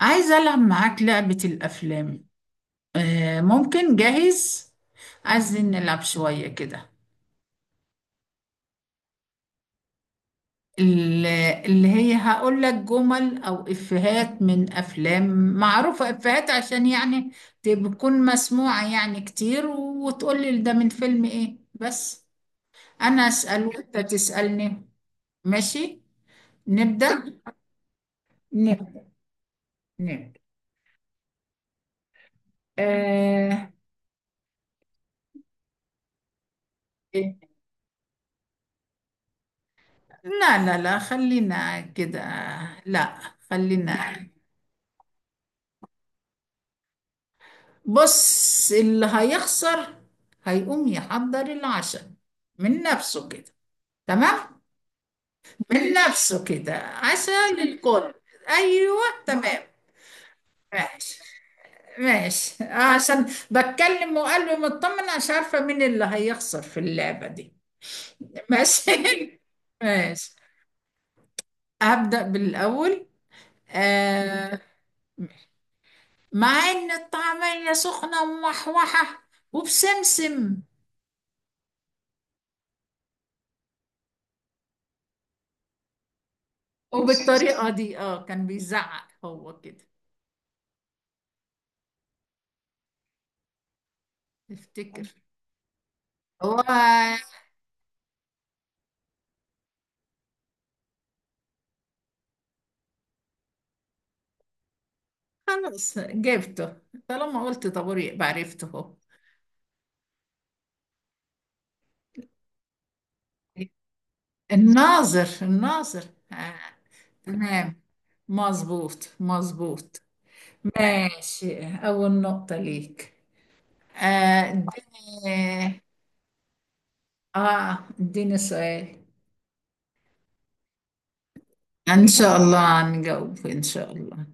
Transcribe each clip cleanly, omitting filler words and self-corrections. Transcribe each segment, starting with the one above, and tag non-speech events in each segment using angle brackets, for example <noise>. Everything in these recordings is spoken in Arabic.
عايزة ألعب معاك لعبة الأفلام. ممكن. جاهز؟ عايزين نلعب شوية كده. ال- اللي هي هقول لك جمل أو إفيهات من أفلام معروفة، إفيهات عشان يعني تكون مسموعة يعني كتير، وتقول لي ده من فيلم إيه بس. أنا أسأل وأنت تسألني. ماشي. نبدأ. نبدأ. نبدأ. آه لا لا لا، خلينا كده. لا، خلينا. بص، اللي هيخسر هيقوم يحضر العشاء من نفسه كده، تمام؟ من نفسه كده، عشاء للكل. ايوه، تمام. ماشي. ماشي عشان بتكلم وقلبي مطمن، مش عارفه مين اللي هيخسر في اللعبه دي. ماشي. <laughs> ماشي. هبدأ بالاول. آه مع ان الطعميه سخنه ومحوحه وبسمسم، وبالطريقه دي كان بيزعق هو كده. افتكر. هو خلاص جبته، طالما قلت طابور يبقى عرفته هو. الناظر، الناظر. آه. تمام، مظبوط مظبوط. ماشي، أول نقطة ليك. آه اديني اه اديني سؤال. إن شاء الله هنجاوب إن شاء الله،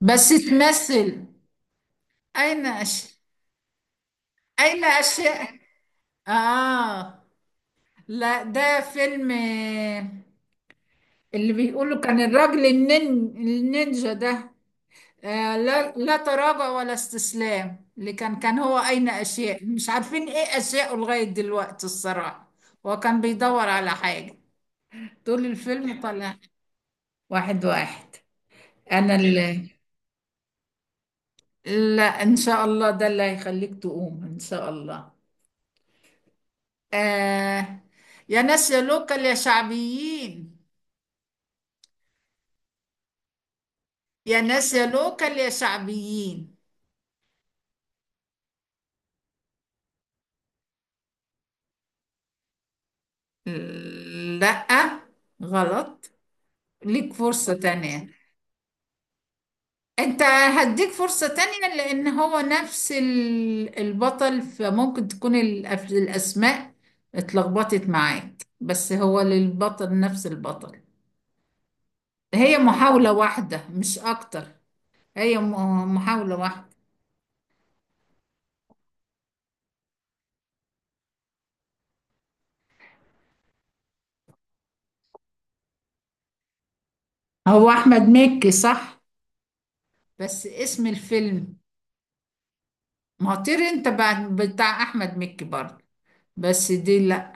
بس تمثل. أين أش... أين أشياء. آه لا، ده فيلم اللي بيقولوا كان الراجل النينجا ده. آه، لا لا، تراجع ولا استسلام. اللي كان هو أين أشياء، مش عارفين إيه أشياءه لغاية دلوقتي الصراحة. هو كان بيدور على حاجة طول الفيلم طلع. واحد واحد. أنا اللي لا، إن شاء الله ده اللي هيخليك تقوم إن شاء الله. آه يا ناس يا لوكال يا شعبيين، يا ناس يا لوكال يا شعبيين. لا، غلط. ليك فرصة تانية. انت هديك فرصة تانية لان هو نفس البطل، فممكن تكون الاسماء اتلخبطت معاك، بس هو للبطل، نفس البطل. هي محاولة واحدة مش اكتر. هي محاولة واحدة. هو احمد مكي صح، بس اسم الفيلم؟ مطير انت بعد بتاع احمد مكي برضه، بس دي لا.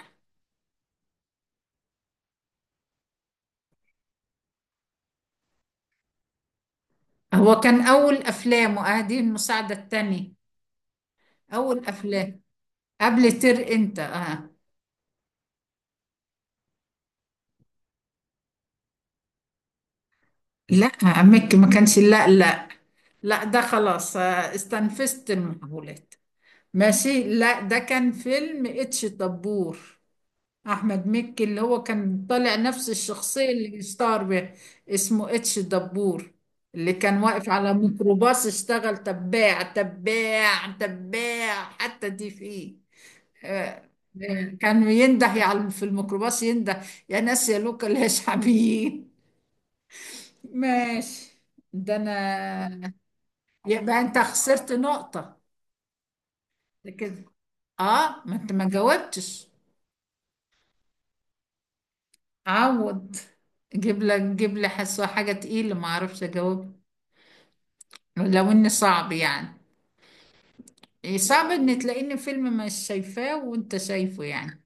هو كان اول افلامه، دي المساعدة التانية. اول افلام، قبل انت. اه لا، عمك ما كانش، لا لا. لا، ده خلاص استنفذت المحاولات. ماشي. لا، ده كان فيلم اتش دبور، احمد مكي اللي هو كان طالع نفس الشخصية اللي اشتهر بيها. اسمه اتش دبور، اللي كان واقف على ميكروباص اشتغل تباع تباع تباع، حتى دي فيه آه، كان ينده يعني في الميكروباص، ينده يا ناس يا لوكا ليش حبيب. ماشي. ده انا. يبقى انت خسرت نقطة. ده كده. اه ما انت ما جاوبتش. عوض. جيب لي حسوة حاجة تقيلة ما اعرفش اجاوب. لو اني صعب يعني. إيه صعب ان تلاقيني فيلم مش شايفاه وانت شايفه يعني؟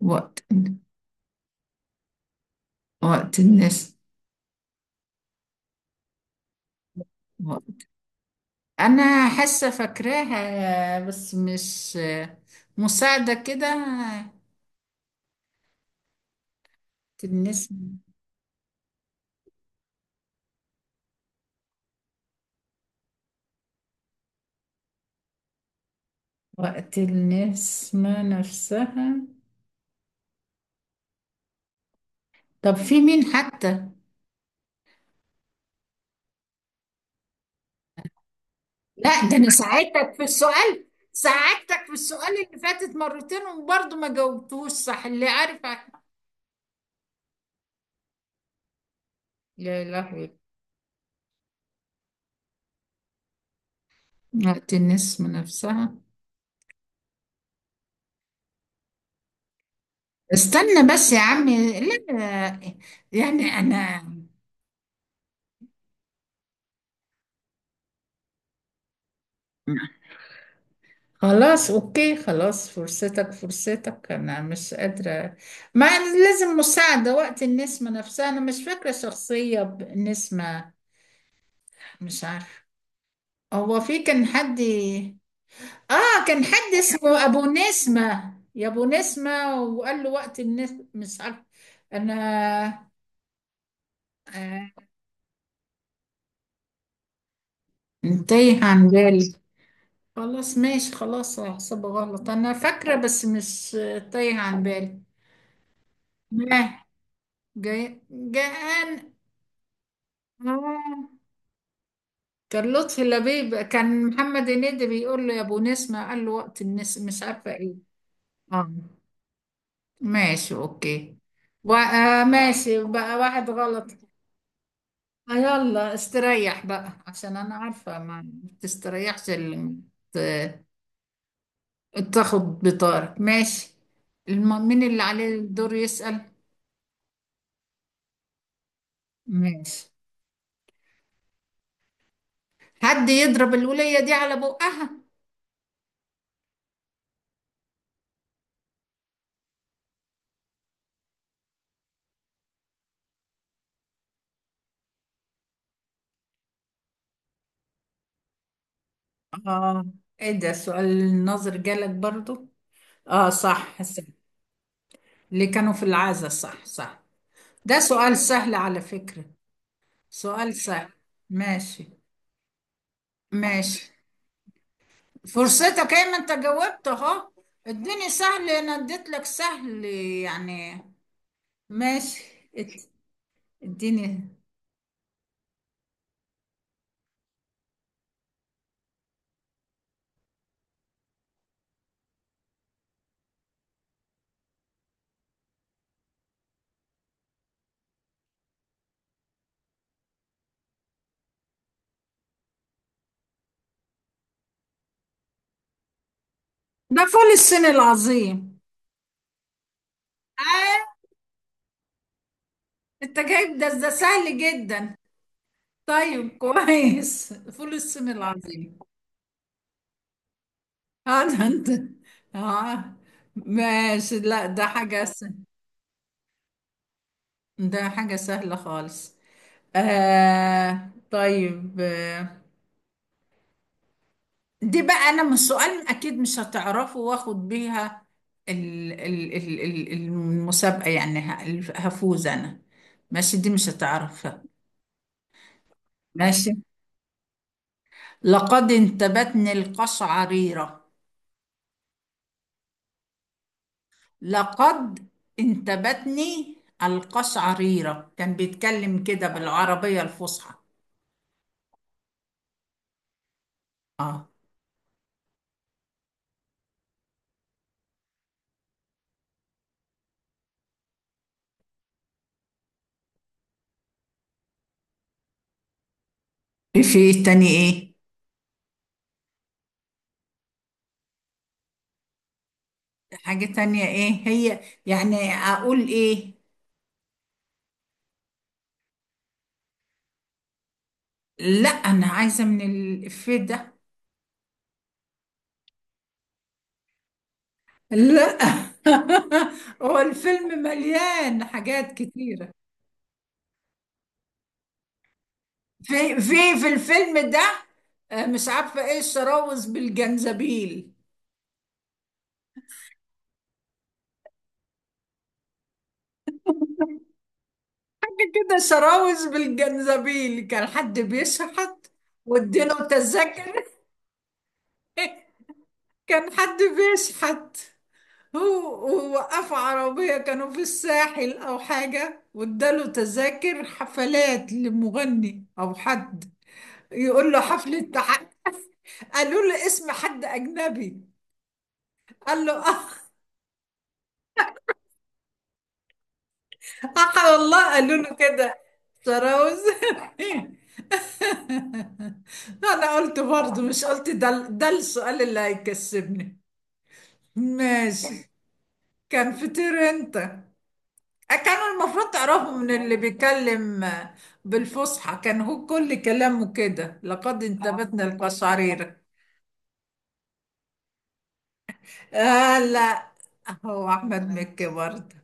وقت وقت الناس. وقت. انا حاسة فاكراها بس مش. مساعدة كده. النسمة. وقت النسمة نفسها. طب في مين حتى؟ لا، ده انا ساعدتك في السؤال. ساعدتك في السؤال اللي فاتت مرتين وبرضه ما جاوبتوش صح، اللي عارف عارف. يا لهوي. وقت الناس من نفسها. استنى بس يا عمي، لا. يعني انا. خلاص، اوكي، خلاص. فرصتك، فرصتك، انا مش قادرة. ما لازم مساعدة. وقت النسمة نفسها. انا مش فاكرة شخصية بنسمة. مش عارفة. هو في كان حد. اه كان حد اسمه ابو نسمة، يا ابو نسمة، وقال له وقت الناس مش عارف. انا. آه تايه عن بالي. خلاص ماشي، خلاص هحسبه غلط. انا فاكرة بس مش تايه عن بالي. ما جاي جاءان. آه. كان لطفي لبيب كان محمد هنيدي بيقول له يا ابو نسمة، قال له وقت الناس مش عارفة ايه. اه ماشي، اوكي. ماشي بقى، واحد غلط. يلا استريح بقى عشان انا عارفة ما تستريحش اللي ت- تاخد بطارك. ماشي. مين اللي عليه الدور يسأل؟ ماشي. حد يضرب الولية دي على بقها. اه ايه ده، سؤال النظر جالك برضو. اه صح صح. اللي كانوا في العزا، صح صح. ده سؤال سهل على فكرة، سؤال سهل. ماشي. ماشي. فرصتك ايه ما انت جاوبت اهو. اديني سهل، انا اديت لك سهل يعني. ماشي. اد- اديني. ده فول الصين العظيم. آه انت جايب ده، ده سهل جدا. طيب، كويس، فول الصين العظيم. اه ده انت. اه ماشي. لا، ده حاجة سهلة خالص. طيب. دي بقى انا من السؤال اكيد مش هتعرفه، واخد بيها المسابقة يعني، هفوز انا. ماشي، دي مش هتعرفها. ماشي. لقد انتابتني القشعريرة. لقد انتابتني القشعريرة، كان بيتكلم كده بالعربية الفصحى. اه في إيه تاني ايه؟ حاجة تانية ايه هي يعني اقول ايه؟ لا، انا عايزة من الإفيه ده. لا. <laughs> هو الفيلم مليان حاجات كتيرة. في في الفيلم ده مش عارفة ايه الشراوذ بالجنزبيل. <laughs> حاجة كده، شراوذ بالجنزبيل، كان حد بيشحت واديله تذاكر. <laughs> كان حد بيشحت، هو ووقفوا عربية كانوا في الساحل أو حاجة، واداله تذاكر حفلات لمغني أو حد، يقول له حفلة قالوا له اسم حد أجنبي، قال له والله قالوا له كده، سراوز. <laughs> انا قلت برضه مش قلت ده السؤال اللي هيكسبني. ماشي. كان فطير انت، كانوا المفروض تعرفوا من اللي بيتكلم، بالفصحى، كان هو كل كلامه كده، لقد انتابتنا القشعريرة. لا، هو احمد مكي برضه.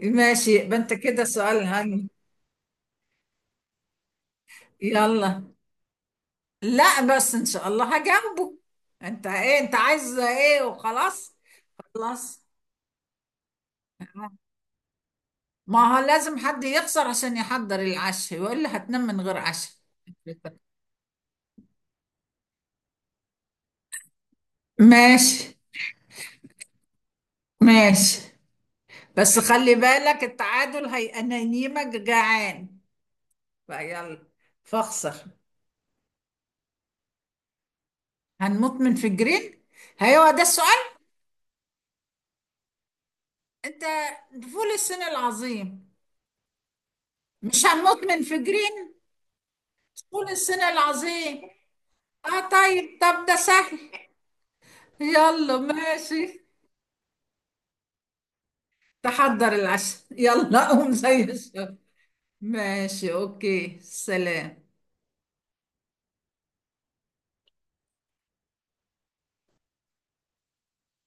ماشي، يبقى انت كده سؤال هاني. يلا. لا بس ان شاء الله هجنبه. انت ايه، انت عايز ايه وخلاص؟ خلاص. ما هو لازم حد يخسر عشان يحضر العشاء، وإلا هتنام من غير عشاء. ماشي. ماشي، بس خلي بالك التعادل هي انا ينيمك جعان، فيلا فاخسر. هنموت من فجرين. هيوا ده السؤال؟ انت، فول الصين العظيم. مش هنموت من فجرين. فول الصين العظيم. اه طيب طب ده سهل. يلا، ماشي. تحضر العشاء، يلا قوم زي الشغل. ماشي، اوكي، سلام.